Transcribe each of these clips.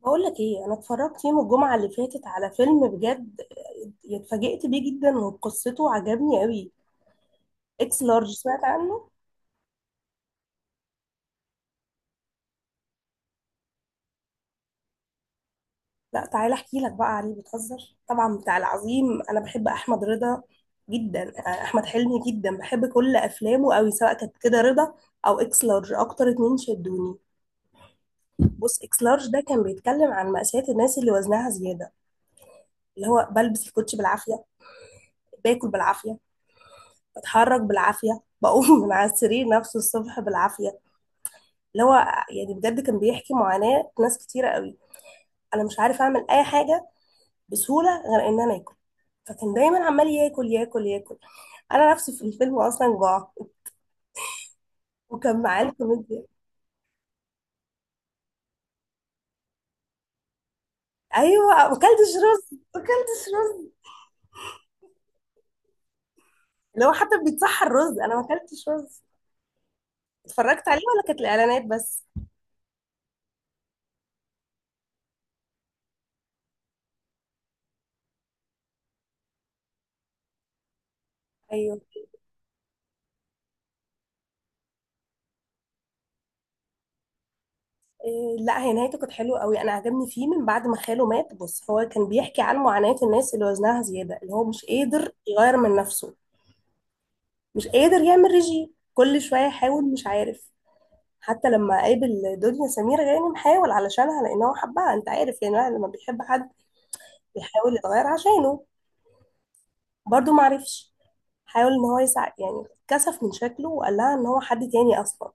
بقول لك ايه، انا اتفرجت يوم الجمعه اللي فاتت على فيلم. بجد اتفاجئت بيه جدا وبقصته، عجبني قوي. اكس لارج، سمعت عنه؟ لا، تعالى احكي لك بقى عليه. بتهزر طبعا؟ بتاع العظيم، انا بحب احمد. رضا جدا، احمد حلمي جدا، بحب كل افلامه قوي، سواء كانت كده رضا او اكس لارج. اكتر اتنين شدوني. بص، اكس لارج ده كان بيتكلم عن مأساة الناس اللي وزنها زياده، اللي هو بلبس الكوتش بالعافيه، باكل بالعافيه، بتحرك بالعافيه، بقوم من على السرير نفسه الصبح بالعافيه. اللي هو يعني بجد كان بيحكي معاناة ناس كتيرة قوي. انا مش عارف اعمل اي حاجة بسهولة غير ان انا اكل. فكان دايما عمال ياكل ياكل ياكل. انا نفسي في الفيلم اصلا جوع، وكان معاه الكوميديا. ايوه، ما اكلتش رز، ما اكلتش رز. اللي هو حتى بيتصحى الرز، انا ما اكلتش رز. اتفرجت عليه ولا كانت الاعلانات بس؟ ايوه. إيه، لا، هي نهايته كانت حلوه قوي. انا عجبني فيه من بعد ما خاله مات. بص، هو كان بيحكي عن معاناه الناس اللي وزنها زياده، اللي هو مش قادر يغير من نفسه. مش قادر يعمل ريجيم، كل شوية يحاول، مش عارف. حتى لما قابل دنيا سمير غانم، حاول علشانها لأن هو حبها. أنت عارف، يعني الواحد لما بيحب حد بيحاول يتغير عشانه. برضه معرفش. حاول إن هو يساعد، يعني كسف من شكله وقال لها إن هو حد تاني أصلا.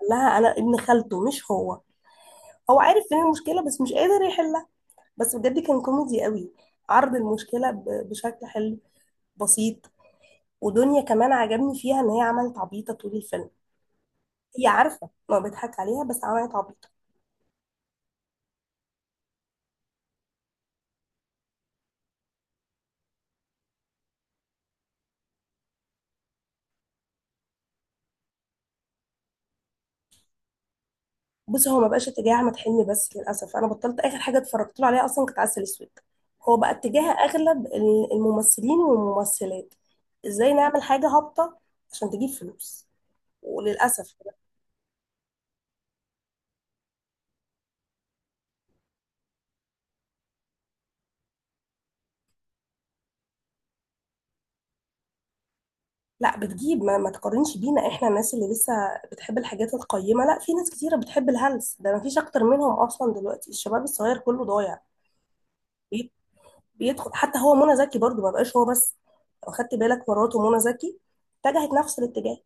قال لها أنا ابن خالته، مش هو. هو عارف فين المشكلة بس مش قادر يحلها. بس بجد كان كوميدي قوي. عرض المشكلة بشكل حلو، بسيط. ودنيا كمان عجبني فيها إن هي عملت عبيطة طول الفيلم. هي عارفة ما بيضحك عليها بس عملت عبيطة. بصي، هو ما بقاش اتجاه احمد حلمي، بس للاسف انا بطلت. اخر حاجه اتفرجت له عليها اصلا كانت عسل اسود. هو بقى اتجاه اغلب الممثلين والممثلات. ازاي نعمل حاجه هابطه عشان تجيب فلوس؟ وللاسف. لا، بتجيب. ما تقارنش بينا، احنا الناس اللي لسه بتحب الحاجات القيمه. لا، في ناس كتيره بتحب الهلس ده، ما فيش اكتر منهم اصلا دلوقتي. الشباب الصغير كله ضايع. بي- بيدخل حتى هو. منى زكي برضو، ما بقاش هو بس. لو خدت بالك، مراته منى زكي اتجهت نفس الاتجاه.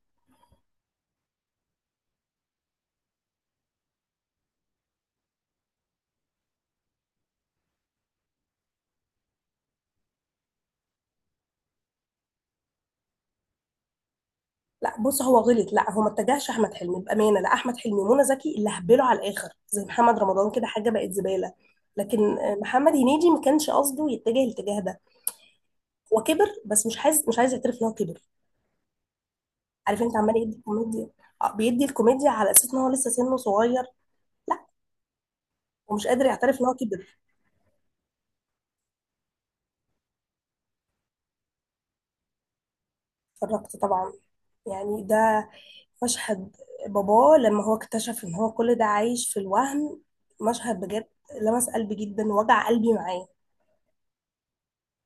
لا بص، هو غلط. لا، هو ما اتجهش احمد حلمي بامانه. لا، احمد حلمي ومنى زكي اللي هبلوا على الاخر، زي محمد رمضان كده، حاجه بقت زباله. لكن محمد هنيدي ما كانش قصده يتجه الاتجاه ده. هو كبر بس مش عايز، مش عايز يعترف ان هو كبر. عارف انت، عمال يدي الكوميديا. بيدي الكوميديا على اساس ان هو لسه سنه صغير. لا، ومش قادر يعترف ان هو كبر. اتفرجت طبعا. يعني ده مشهد باباه لما هو اكتشف ان هو كل ده عايش في الوهم. مشهد بجد لمس قلبي جدا، وجع قلبي معاه.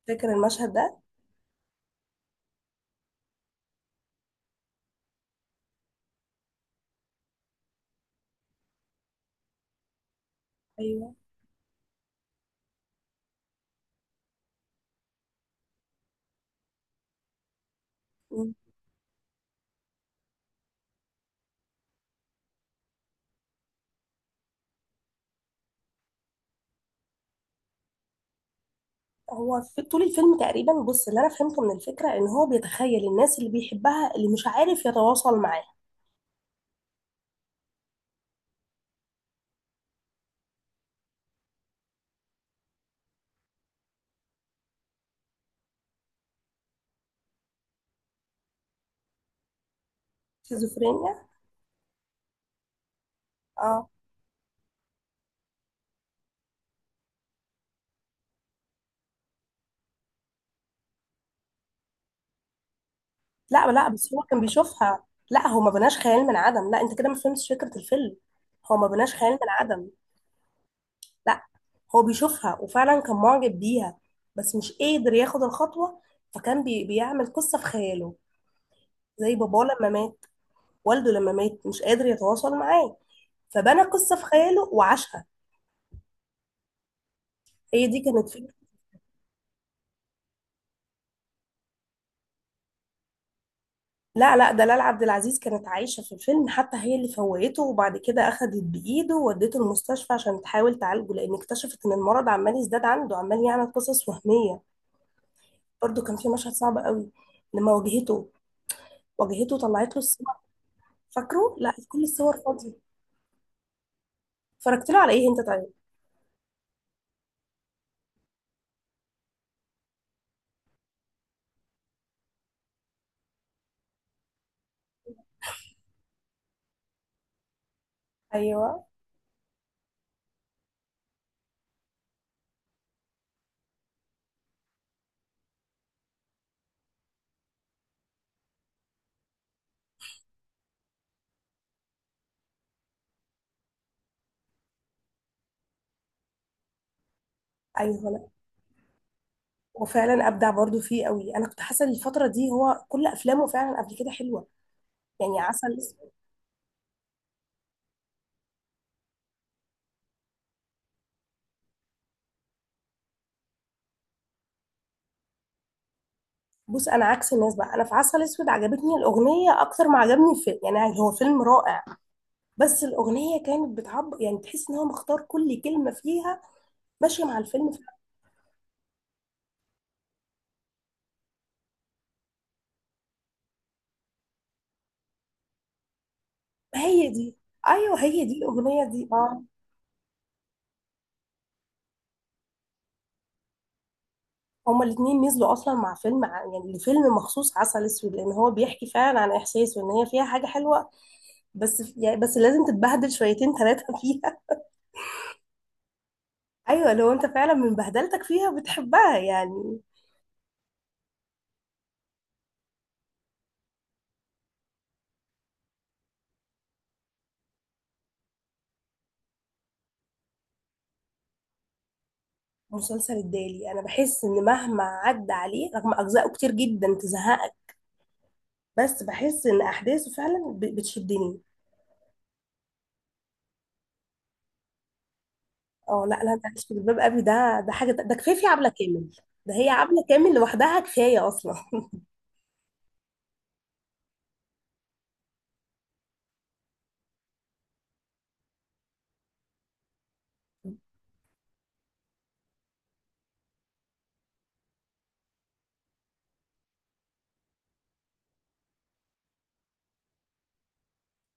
فاكر المشهد ده؟ ايوه. مم. هو في طول الفيلم تقريبا. بص، اللي انا فهمته من الفكره ان هو بيتخيل الناس اللي بيحبها، اللي مش عارف يتواصل معاها. شيزوفرينيا. اه. لا لا، بس هو كان بيشوفها. لا، هو ما بناش خيال من عدم. لا، انت كده ما فهمتش فكره الفيلم. هو ما بناش خيال من عدم. لا، هو بيشوفها وفعلا كان معجب بيها، بس مش قادر ياخد الخطوه. فكان بيعمل قصه في خياله. زي باباه لما مات، والده لما مات مش قادر يتواصل معاه، فبنى قصه في خياله وعاشها. هي دي كانت فكره. لا لا، دلال عبد العزيز كانت عايشة في الفيلم. حتى هي اللي فوقته، وبعد كده أخدت بإيده وودته المستشفى عشان تحاول تعالجه، لأن اكتشفت إن المرض عمال يزداد عنده، عمال يعمل قصص وهمية. برضو كان في مشهد صعب قوي لما واجهته. واجهته، طلعت له الصور. فاكره؟ لا، كل الصور فاضية. اتفرجت له على إيه أنت طيب؟ أيوه، أيوه. لا، وفعلا أبدع برضو فيه قوي. أنا كنت حاسة إن الفترة دي هو كل أفلامه فعلا قبل كده حلوة. يعني عسل. بص، انا عكس الناس بقى. انا في عسل اسود عجبتني الاغنيه اكتر ما عجبني الفيلم، يعني هو فيلم رائع. بس الاغنيه كانت بتعبر، يعني تحس ان هو مختار كل كلمه فيها، ماشيه مع الفيلم. هي دي. ايوه، هي دي الاغنيه دي. اه، هما الاتنين نزلوا اصلا مع فيلم يعني لفيلم مخصوص، عسل اسود، لان هو بيحكي فعلا عن احساس، وان هي فيها حاجه حلوه. بس يعني، بس لازم تتبهدل شويتين ثلاثه فيها. ايوه، لو انت فعلا من بهدلتك فيها بتحبها يعني. مسلسل الدالي، انا بحس ان مهما عدى عليه، رغم اجزائه كتير جدا تزهقك، بس بحس ان احداثه فعلا بتشدني. اه، لا لا، انت عايش في جلباب ابي؟ ده حاجه، ده كفايه في عبله كامل. ده هي عبله كامل لوحدها كفايه اصلا.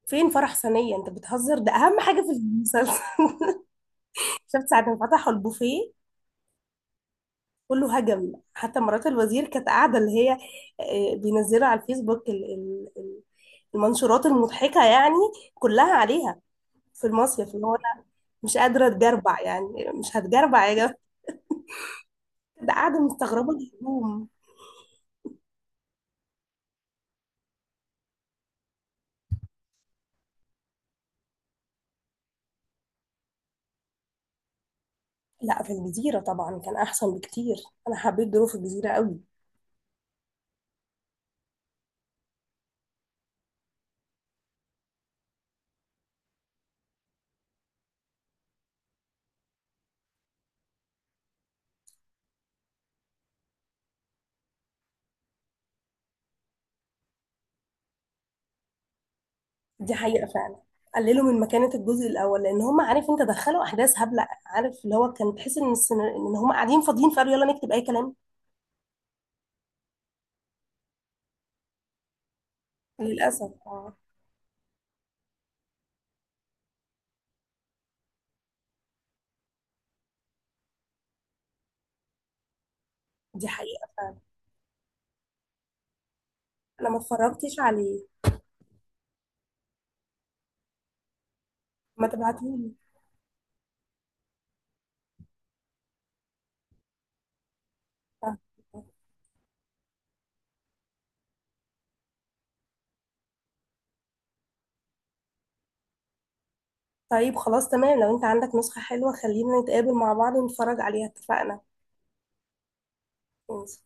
فين فرح ثانيه؟ انت بتهزر، ده اهم حاجه في المسلسل. شفت ساعه ما فتحوا البوفيه، كله هجم؟ حتى مرات الوزير كانت قاعده، اللي هي بينزلها على الفيسبوك، المنشورات المضحكه يعني، كلها عليها. في المصيف اللي هو مش قادرة اتجربع، يعني مش هتجربع يا جماعة؟ ده قاعدة مستغربة الهدوم. لا، في الجزيرة طبعا كان أحسن بكتير. أنا حبيت ظروف الجزيرة قوي. دي حقيقة فعلا. قللوا من مكانة الجزء الأول، لأن هم، عارف أنت، دخلوا أحداث هبلة. عارف، اللي هو كان تحس إن إن هم قاعدين فاضيين، فقالوا يلا نكتب أي كلام. للأسف، اه. دي حقيقة فعلا. أنا ما اتفرجتش عليه، ما تبعتهولي. آه. طيب، خلاص تمام، لو أنت عندك نسخة حلوة خلينا نتقابل مع بعض ونتفرج عليها. اتفقنا. ماشي.